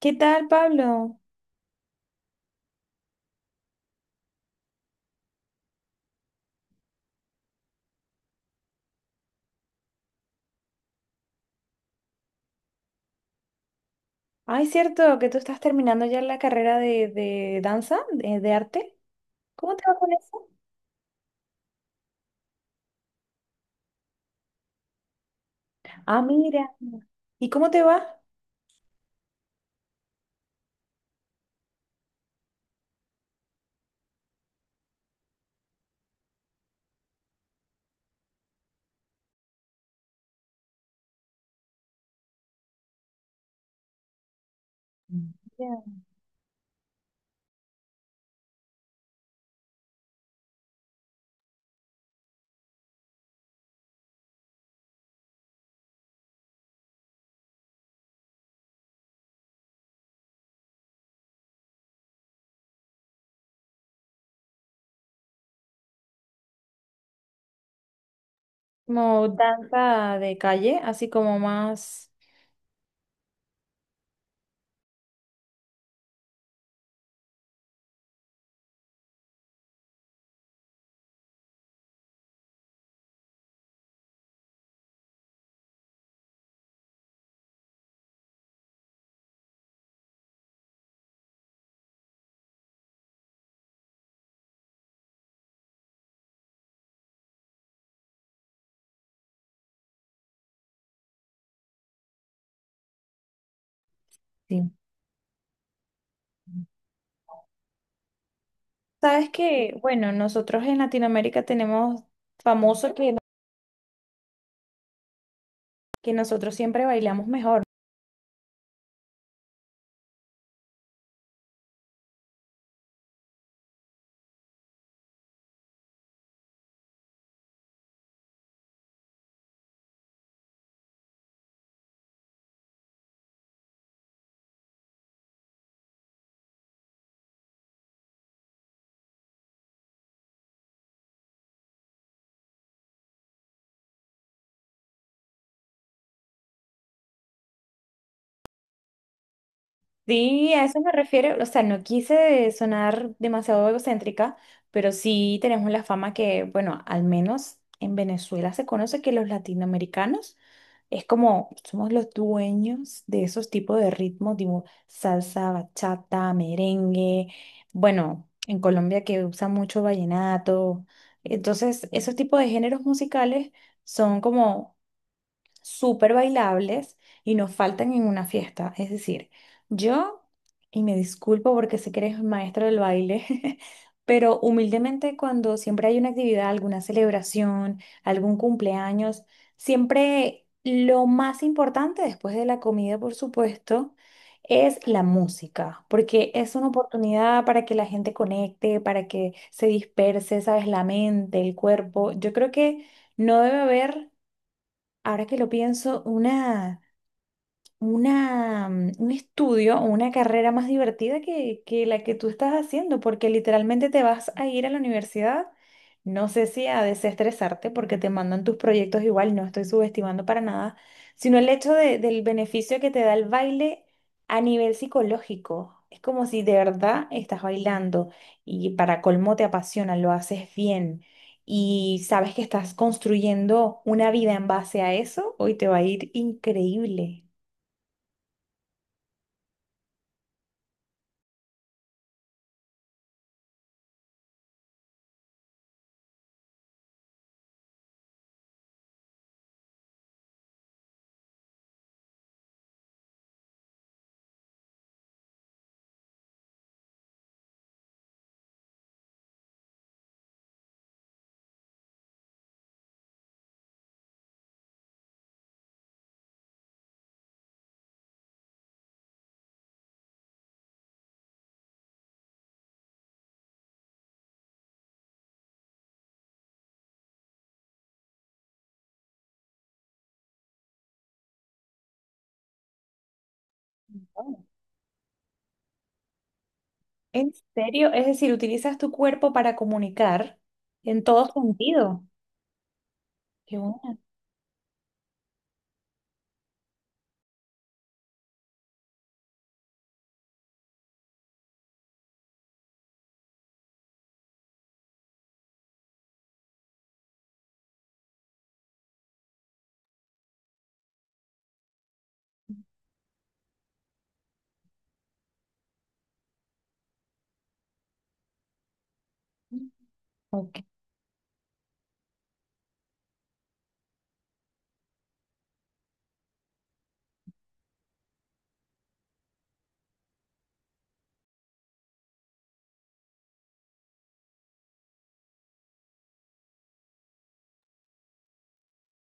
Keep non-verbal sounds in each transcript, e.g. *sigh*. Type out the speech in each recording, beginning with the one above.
¿Qué tal, Pablo? Ay, cierto que tú estás terminando ya la carrera de danza, de arte. ¿Cómo te va con eso? Ah, mira. ¿Y cómo te va? Mira. Como danza de calle, así como más... Sí. Sabes que, bueno, nosotros en Latinoamérica tenemos famoso que nosotros siempre bailamos mejor. Sí, a eso me refiero. O sea, no quise sonar demasiado egocéntrica, pero sí tenemos la fama que, bueno, al menos en Venezuela se conoce que los latinoamericanos es como somos los dueños de esos tipos de ritmos, tipo salsa, bachata, merengue. Bueno, en Colombia que usa mucho vallenato. Entonces, esos tipos de géneros musicales son como súper bailables y no faltan en una fiesta. Es decir, yo, y me disculpo porque sé que eres maestro del baile, *laughs* pero humildemente cuando siempre hay una actividad, alguna celebración, algún cumpleaños, siempre lo más importante después de la comida, por supuesto, es la música, porque es una oportunidad para que la gente conecte, para que se disperse, sabes, la mente, el cuerpo. Yo creo que no debe haber. Ahora que lo pienso, un estudio o una carrera más divertida que la que tú estás haciendo, porque literalmente te vas a ir a la universidad, no sé si a desestresarte, porque te mandan tus proyectos igual, no estoy subestimando para nada, sino el hecho del beneficio que te da el baile a nivel psicológico. Es como si de verdad estás bailando y para colmo te apasiona, lo haces bien. Y sabes que estás construyendo una vida en base a eso, hoy te va a ir increíble. Oh, ¿en serio? Es decir, utilizas tu cuerpo para comunicar en todo sentido. Qué bueno. Ok.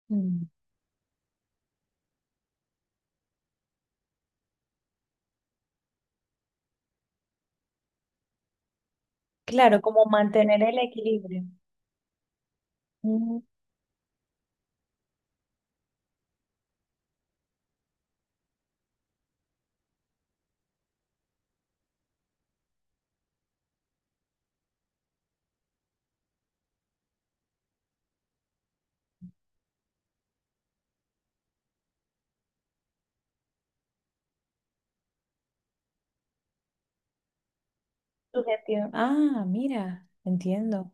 Mm. Claro, como mantener el equilibrio. Mm. Subjetivo. Ah, mira, entiendo.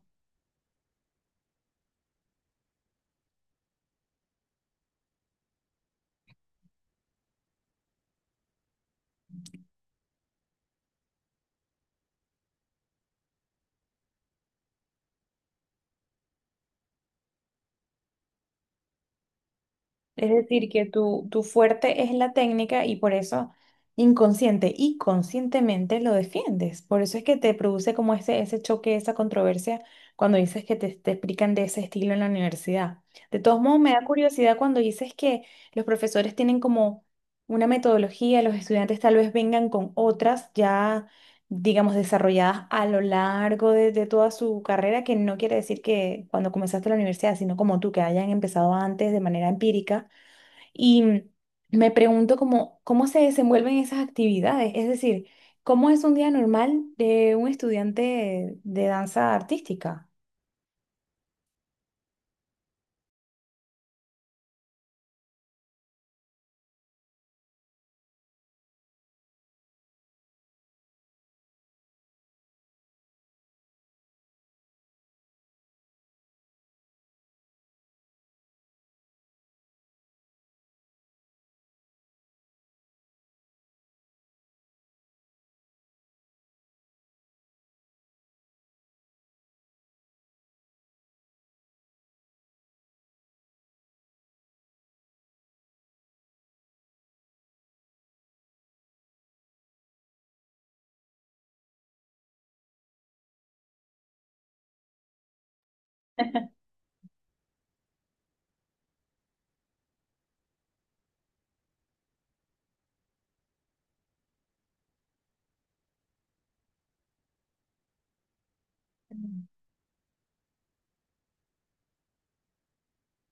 Es decir, que tu fuerte es la técnica y por eso inconsciente y conscientemente lo defiendes. Por eso es que te produce como ese choque, esa controversia cuando dices que te explican de ese estilo en la universidad. De todos modos, me da curiosidad cuando dices que los profesores tienen como una metodología, los estudiantes tal vez vengan con otras ya, digamos, desarrolladas a lo largo de toda su carrera, que no quiere decir que cuando comenzaste la universidad, sino como tú, que hayan empezado antes de manera empírica y me pregunto cómo, cómo se desenvuelven esas actividades, es decir, cómo es un día normal de un estudiante de danza artística.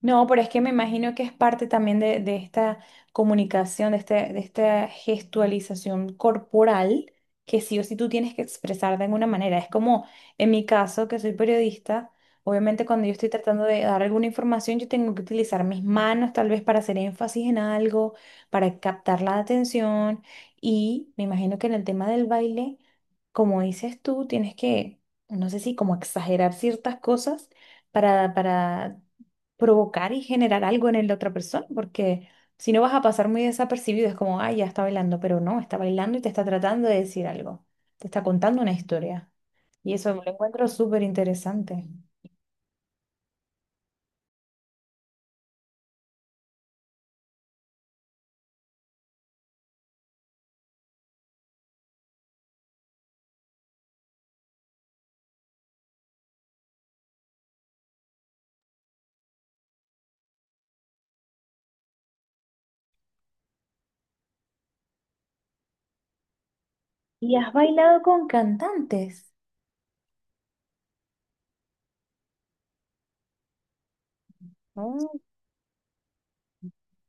No, pero es que me imagino que es parte también de esta comunicación, de, este, de esta gestualización corporal, que sí o sí tú tienes que expresar de alguna manera. Es como en mi caso, que soy periodista, obviamente cuando yo estoy tratando de dar alguna información, yo tengo que utilizar mis manos tal vez para hacer énfasis en algo, para captar la atención. Y me imagino que en el tema del baile, como dices tú, tienes que, no sé si como exagerar ciertas cosas para provocar y generar algo en la otra persona, porque si no vas a pasar muy desapercibido, es como, ay, ya está bailando, pero no, está bailando y te está tratando de decir algo, te está contando una historia. Y eso lo encuentro súper interesante. ¿Y has bailado con cantantes? Oh,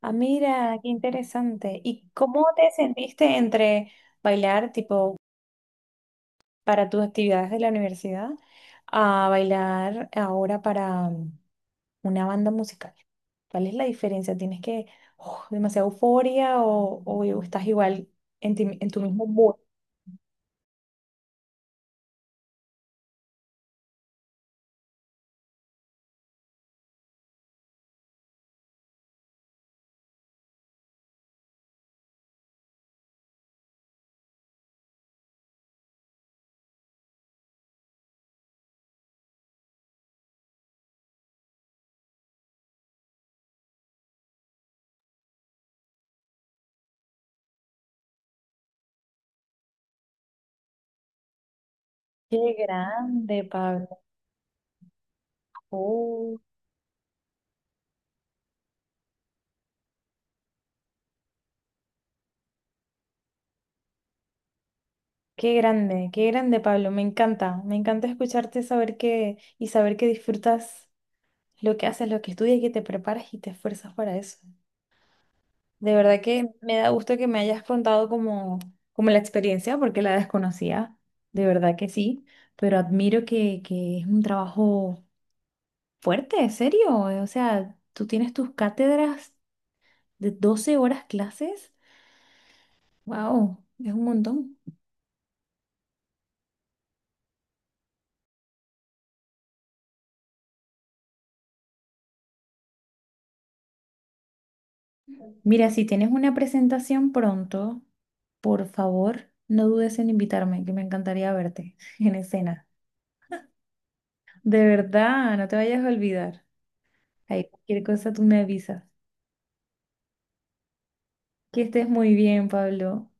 ah, mira, qué interesante. ¿Y cómo te sentiste entre bailar tipo para tus actividades de la universidad a bailar ahora para una banda musical? ¿Cuál es la diferencia? ¿Tienes que, oh, demasiada euforia o estás igual en, en tu mismo mood? Qué grande, Pablo. Oh, qué grande, Pablo. Me encanta escucharte saber que y saber que disfrutas lo que haces, lo que estudias, y que te preparas y te esfuerzas para eso. De verdad que me da gusto que me hayas contado como, como la experiencia, porque la desconocía. De verdad que sí, pero admiro que es un trabajo fuerte, ¿serio? O sea, tú tienes tus cátedras de 12 horas clases. Wow, es un montón. Mira, si tienes una presentación pronto, por favor, no dudes en invitarme, que me encantaría verte *laughs* en escena. De verdad, no te vayas a olvidar. Ahí, cualquier cosa tú me avisas. Que estés muy bien, Pablo.